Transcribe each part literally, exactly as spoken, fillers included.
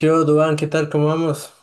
Yo, hubo, ¿Duván? ¿Qué tal? ¿Cómo vamos?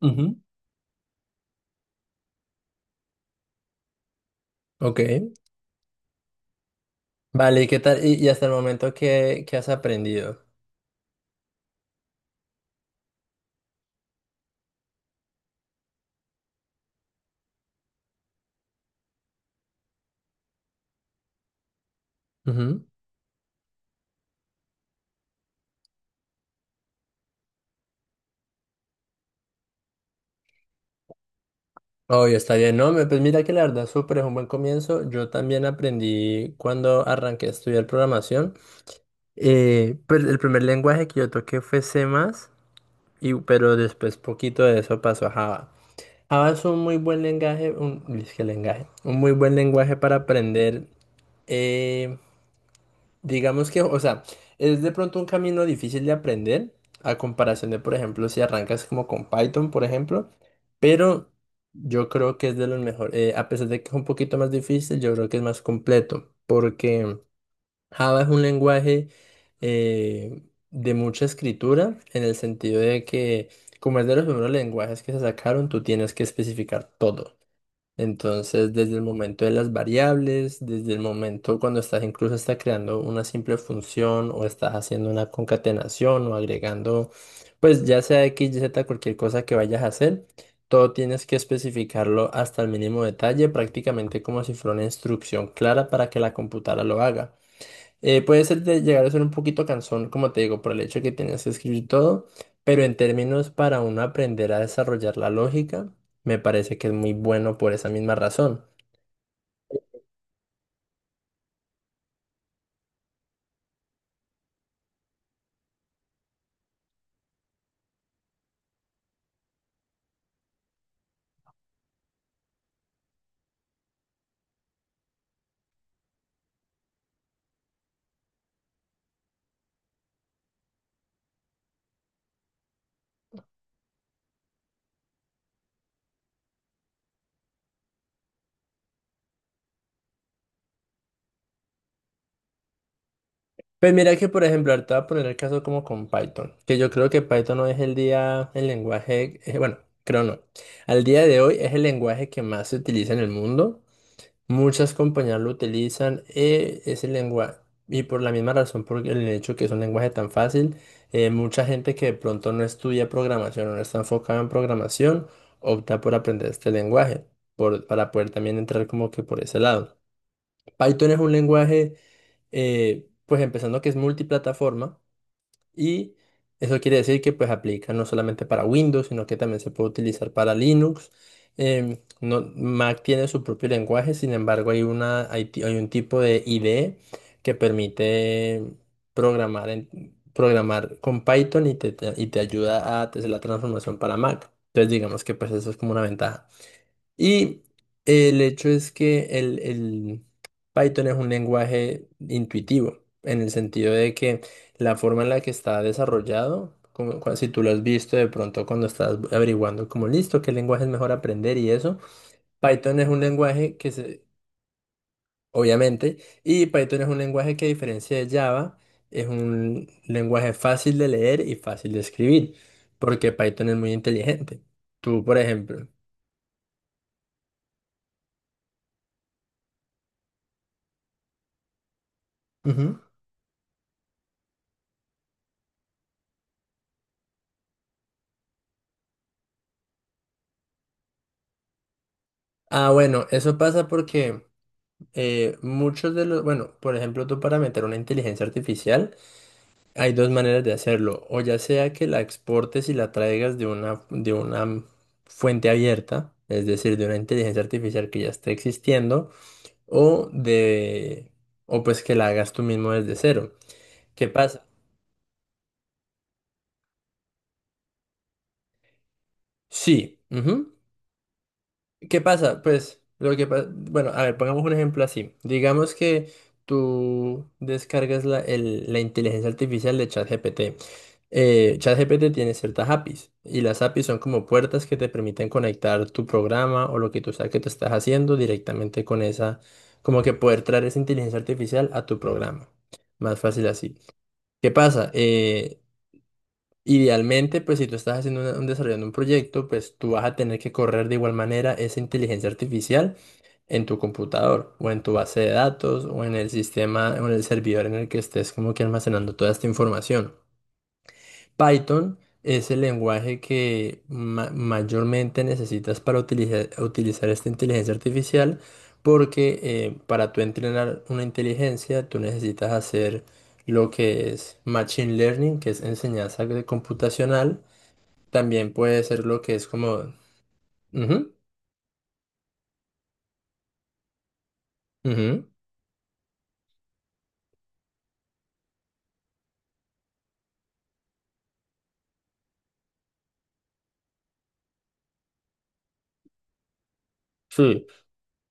Ujú. Ok. Vale, ¿y qué tal? ¿Y, y hasta el momento qué, qué has aprendido? Ujú. Oye, está bien, ¿no? me- Pues mira que la verdad, súper es un buen comienzo. Yo también aprendí cuando arranqué a estudiar programación. Eh, pues el primer lenguaje que yo toqué fue C++, y, pero después poquito de eso pasó a Java. Java es un muy buen lenguaje, un, es que lenguaje, un muy buen lenguaje para aprender. eh, Digamos que, o sea, es de pronto un camino difícil de aprender, a comparación de, por ejemplo, si arrancas como con Python, por ejemplo, pero yo creo que es de los mejores, eh, a pesar de que es un poquito más difícil, yo creo que es más completo, porque Java es un lenguaje eh, de mucha escritura, en el sentido de que, como es de los primeros lenguajes que se sacaron, tú tienes que especificar todo. Entonces, desde el momento de las variables, desde el momento cuando estás incluso está creando una simple función o estás haciendo una concatenación o agregando, pues ya sea X, Y, Z, cualquier cosa que vayas a hacer, todo tienes que especificarlo hasta el mínimo detalle, prácticamente como si fuera una instrucción clara para que la computadora lo haga. Eh, puede ser de llegar a ser un poquito cansón, como te digo, por el hecho de que tienes que escribir todo, pero en términos para uno aprender a desarrollar la lógica, me parece que es muy bueno por esa misma razón. Pero mira que, por ejemplo, ahorita voy a poner el caso como con Python, que yo creo que Python no es el día, el lenguaje, eh, bueno, creo no. Al día de hoy es el lenguaje que más se utiliza en el mundo. Muchas compañías lo utilizan, eh, ese lenguaje, y por la misma razón, por el hecho que es un lenguaje tan fácil, eh, mucha gente que de pronto no estudia programación o no está enfocada en programación, opta por aprender este lenguaje, por- para poder también entrar como que por ese lado. Python es un lenguaje, eh, pues empezando que es multiplataforma. Y eso quiere decir que pues aplica no solamente para Windows, sino que también se puede utilizar para Linux. Em, no- Mac tiene su propio lenguaje, sin embargo hay una, hay, ti- hay un tipo de I D E que permite programar, en- programar con Python y te, te- y te ayuda a hacer la transformación para Mac. Entonces digamos que pues eso es como una ventaja. Y el hecho es que el, el Python es un lenguaje intuitivo, en el sentido de que la forma en la que está desarrollado, como, cua- si tú lo has visto de pronto cuando estás averiguando como listo, qué lenguaje es mejor aprender y eso, Python es un lenguaje que se, obviamente, y Python es un lenguaje que a diferencia de Java, es un lenguaje fácil de leer y fácil de escribir, porque Python es muy inteligente. Tú, por ejemplo. Ah, bueno, eso pasa porque eh, muchos de los, bueno, por ejemplo, tú para meter una inteligencia artificial, hay dos maneras de hacerlo, o ya sea que la exportes y la traigas de una, de una fuente abierta, es decir, de una inteligencia artificial que ya esté existiendo, o de, o pues que la hagas tú mismo desde cero. ¿Qué pasa? Sí, ujú. ¿Qué pasa? Pues, lo que pa- bueno, a ver, pongamos un ejemplo así. Digamos que tú descargas la, el- la inteligencia artificial de ChatGPT. Eh, ChatGPT tiene ciertas A P Is y las A P Is son como puertas que te permiten conectar tu programa o lo que tú sabes que te estás haciendo directamente con esa, como que poder traer esa inteligencia artificial a tu programa. Más fácil así. ¿Qué pasa? Eh, Idealmente, pues si tú estás haciendo una- un, desarrollando un proyecto, pues tú vas a tener que correr de igual manera esa inteligencia artificial en tu computador o en tu base de datos o en el sistema o en el servidor en el que estés como que almacenando toda esta información. Python es el lenguaje que ma- mayormente necesitas para utilizar, utilizar esta inteligencia artificial porque eh, para tú entrenar una inteligencia tú necesitas hacer lo que es machine learning, que es enseñanza de computacional también puede ser lo que es como... Ujú, ujú. Sí.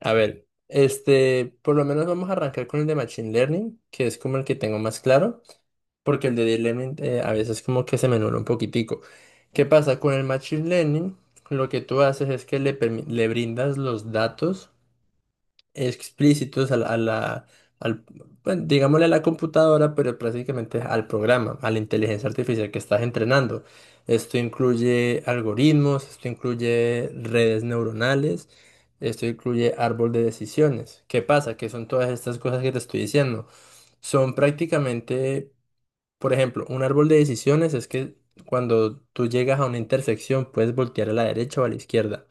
A ver, este, por lo menos vamos a arrancar con el de Machine Learning, que es como el que tengo más claro, porque el de Deep Learning eh, a veces como que se me nubla un poquitico. ¿Qué pasa? Con el Machine Learning, lo que tú haces es que le, permi- le brindas los datos explícitos a la, a la- al, bueno, digámosle a la computadora, pero prácticamente al programa, a la inteligencia artificial que estás entrenando. Esto incluye algoritmos, esto incluye redes neuronales, esto incluye árbol de decisiones. ¿Qué pasa? Que son todas estas cosas que te estoy diciendo. Son prácticamente, por ejemplo, un árbol de decisiones es que cuando tú llegas a una intersección puedes voltear a la derecha o a la izquierda.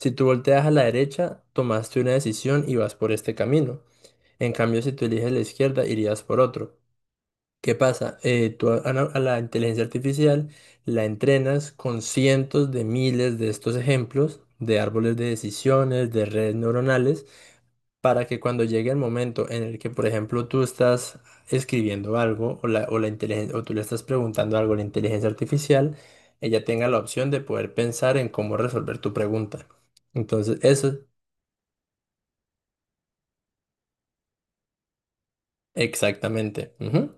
Si tú volteas a la derecha, tomaste una decisión y vas por este camino. En cambio, si tú eliges la izquierda, irías por otro. ¿Qué pasa? Eh, tú a, a la a la inteligencia artificial la entrenas con cientos de miles de estos ejemplos de árboles de decisiones, de redes neuronales, para que cuando llegue el momento en el que, por ejemplo, tú estás escribiendo algo o, la, o, la inteligen- o tú le estás preguntando algo a la inteligencia artificial, ella tenga la opción de poder pensar en cómo resolver tu pregunta. Entonces, eso. Exactamente, ujú.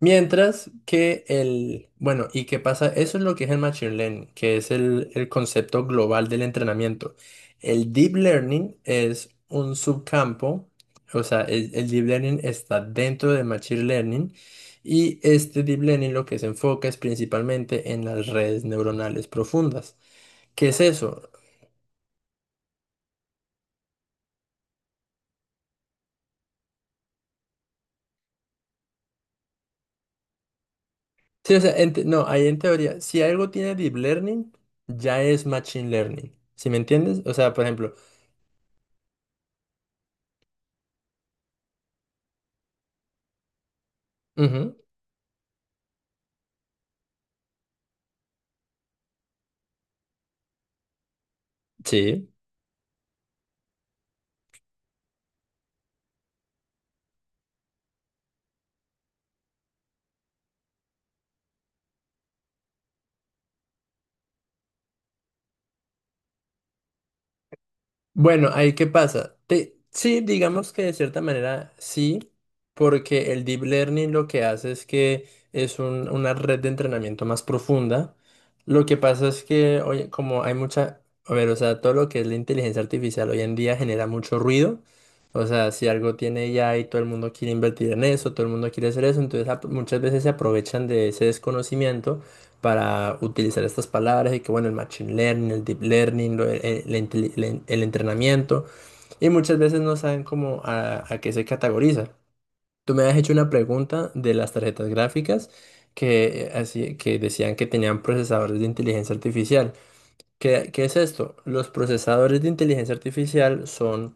Mientras que el, bueno, ¿y qué pasa? Eso es lo que es el Machine Learning, que es el, el concepto global del entrenamiento. El Deep Learning es un subcampo, o sea, el, el Deep Learning está dentro de Machine Learning y este Deep Learning lo que se enfoca es principalmente en las redes neuronales profundas. ¿Qué es eso? Sí, o sea, en te- no, ahí en teoría, si algo tiene Deep Learning, ya es Machine Learning. ¿Sí me entiendes? O sea, por ejemplo, ujú, sí. Bueno, ahí qué pasa. Te- sí, digamos que de cierta manera sí, porque el deep learning lo que hace es que es un- una red de entrenamiento más profunda. Lo que pasa es que, oye, como hay mucha, a ver, o sea, todo lo que es la inteligencia artificial hoy en día genera mucho ruido. O sea, si algo tiene ya y todo el mundo quiere invertir en eso, todo el mundo quiere hacer eso, entonces ap- muchas veces se aprovechan de ese desconocimiento para utilizar estas palabras y que bueno, el machine learning, el deep learning, lo- el, el intel- el en- el entrenamiento y muchas veces no saben cómo a, a qué se categoriza. Tú me has hecho una pregunta de las tarjetas gráficas que, eh, así, que decían que tenían procesadores de inteligencia artificial. ¿Qué, qué es esto? Los procesadores de inteligencia artificial son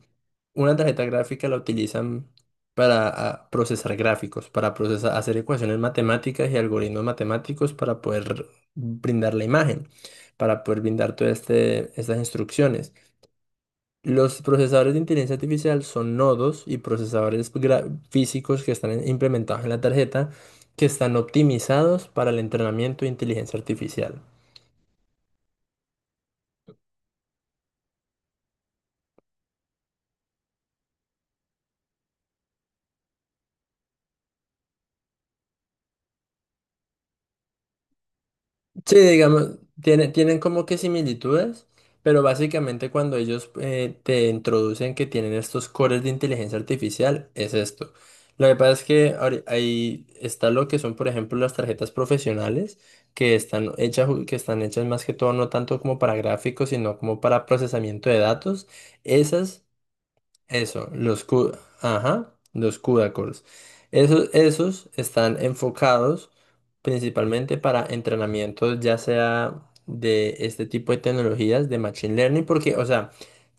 una tarjeta gráfica, la utilizan para ah, procesar gráficos, para procesar, hacer ecuaciones matemáticas y algoritmos matemáticos para poder brindar la imagen, para poder brindar todas este, estas instrucciones. Los procesadores de inteligencia artificial son nodos y procesadores gra- físicos que están en- implementados en la tarjeta que están optimizados para el entrenamiento de inteligencia artificial. Sí, digamos, tiene, tienen como que similitudes, pero básicamente cuando ellos eh, te introducen que tienen estos cores de inteligencia artificial, es esto. Lo que pasa es que ahori- ahí está lo que son, por ejemplo, las tarjetas profesionales, que están hechas, ju- que están hechas más que todo no tanto como para gráficos, sino como para procesamiento de datos. Esas eso, los cu- ajá, los CUDACORS. Esos, esos están enfocados principalmente para entrenamientos ya sea de este tipo de tecnologías de Machine Learning, porque, o sea,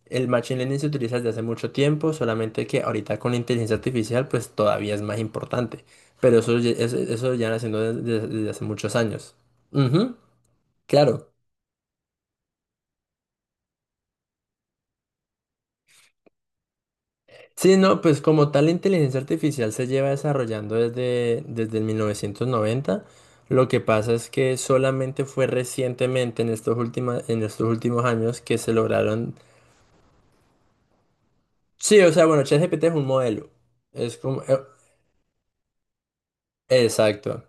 el Machine Learning se utiliza desde hace mucho tiempo, solamente que ahorita con la inteligencia artificial, pues todavía es más importante, pero eso, ya- eso, eso ya naciendo desde, desde hace muchos años. Ujú, claro. Sí, no, pues como tal la inteligencia artificial se lleva desarrollando desde, desde el mil novecientos noventa. Lo que pasa es que solamente fue recientemente en estos últimos, en estos últimos años que se lograron... Sí, o sea, bueno, ChatGPT es un modelo. Es como... eh, exacto.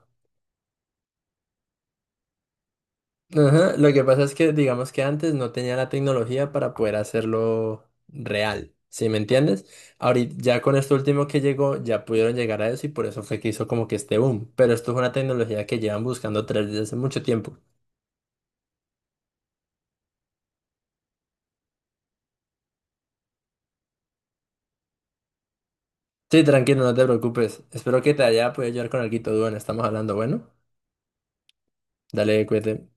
Ajá, lo que pasa es que digamos que antes no tenía la tecnología para poder hacerlo real, ¿sí me entiendes? Ahorita ya con esto último que llegó ya pudieron llegar a eso y por eso fue que hizo como que este boom, pero esto es una tecnología que llevan buscando tres desde hace mucho tiempo. Sí, tranquilo, no te preocupes. Espero que te haya podido ayudar con algo, Duan, estamos hablando, bueno. Dale, cuídate.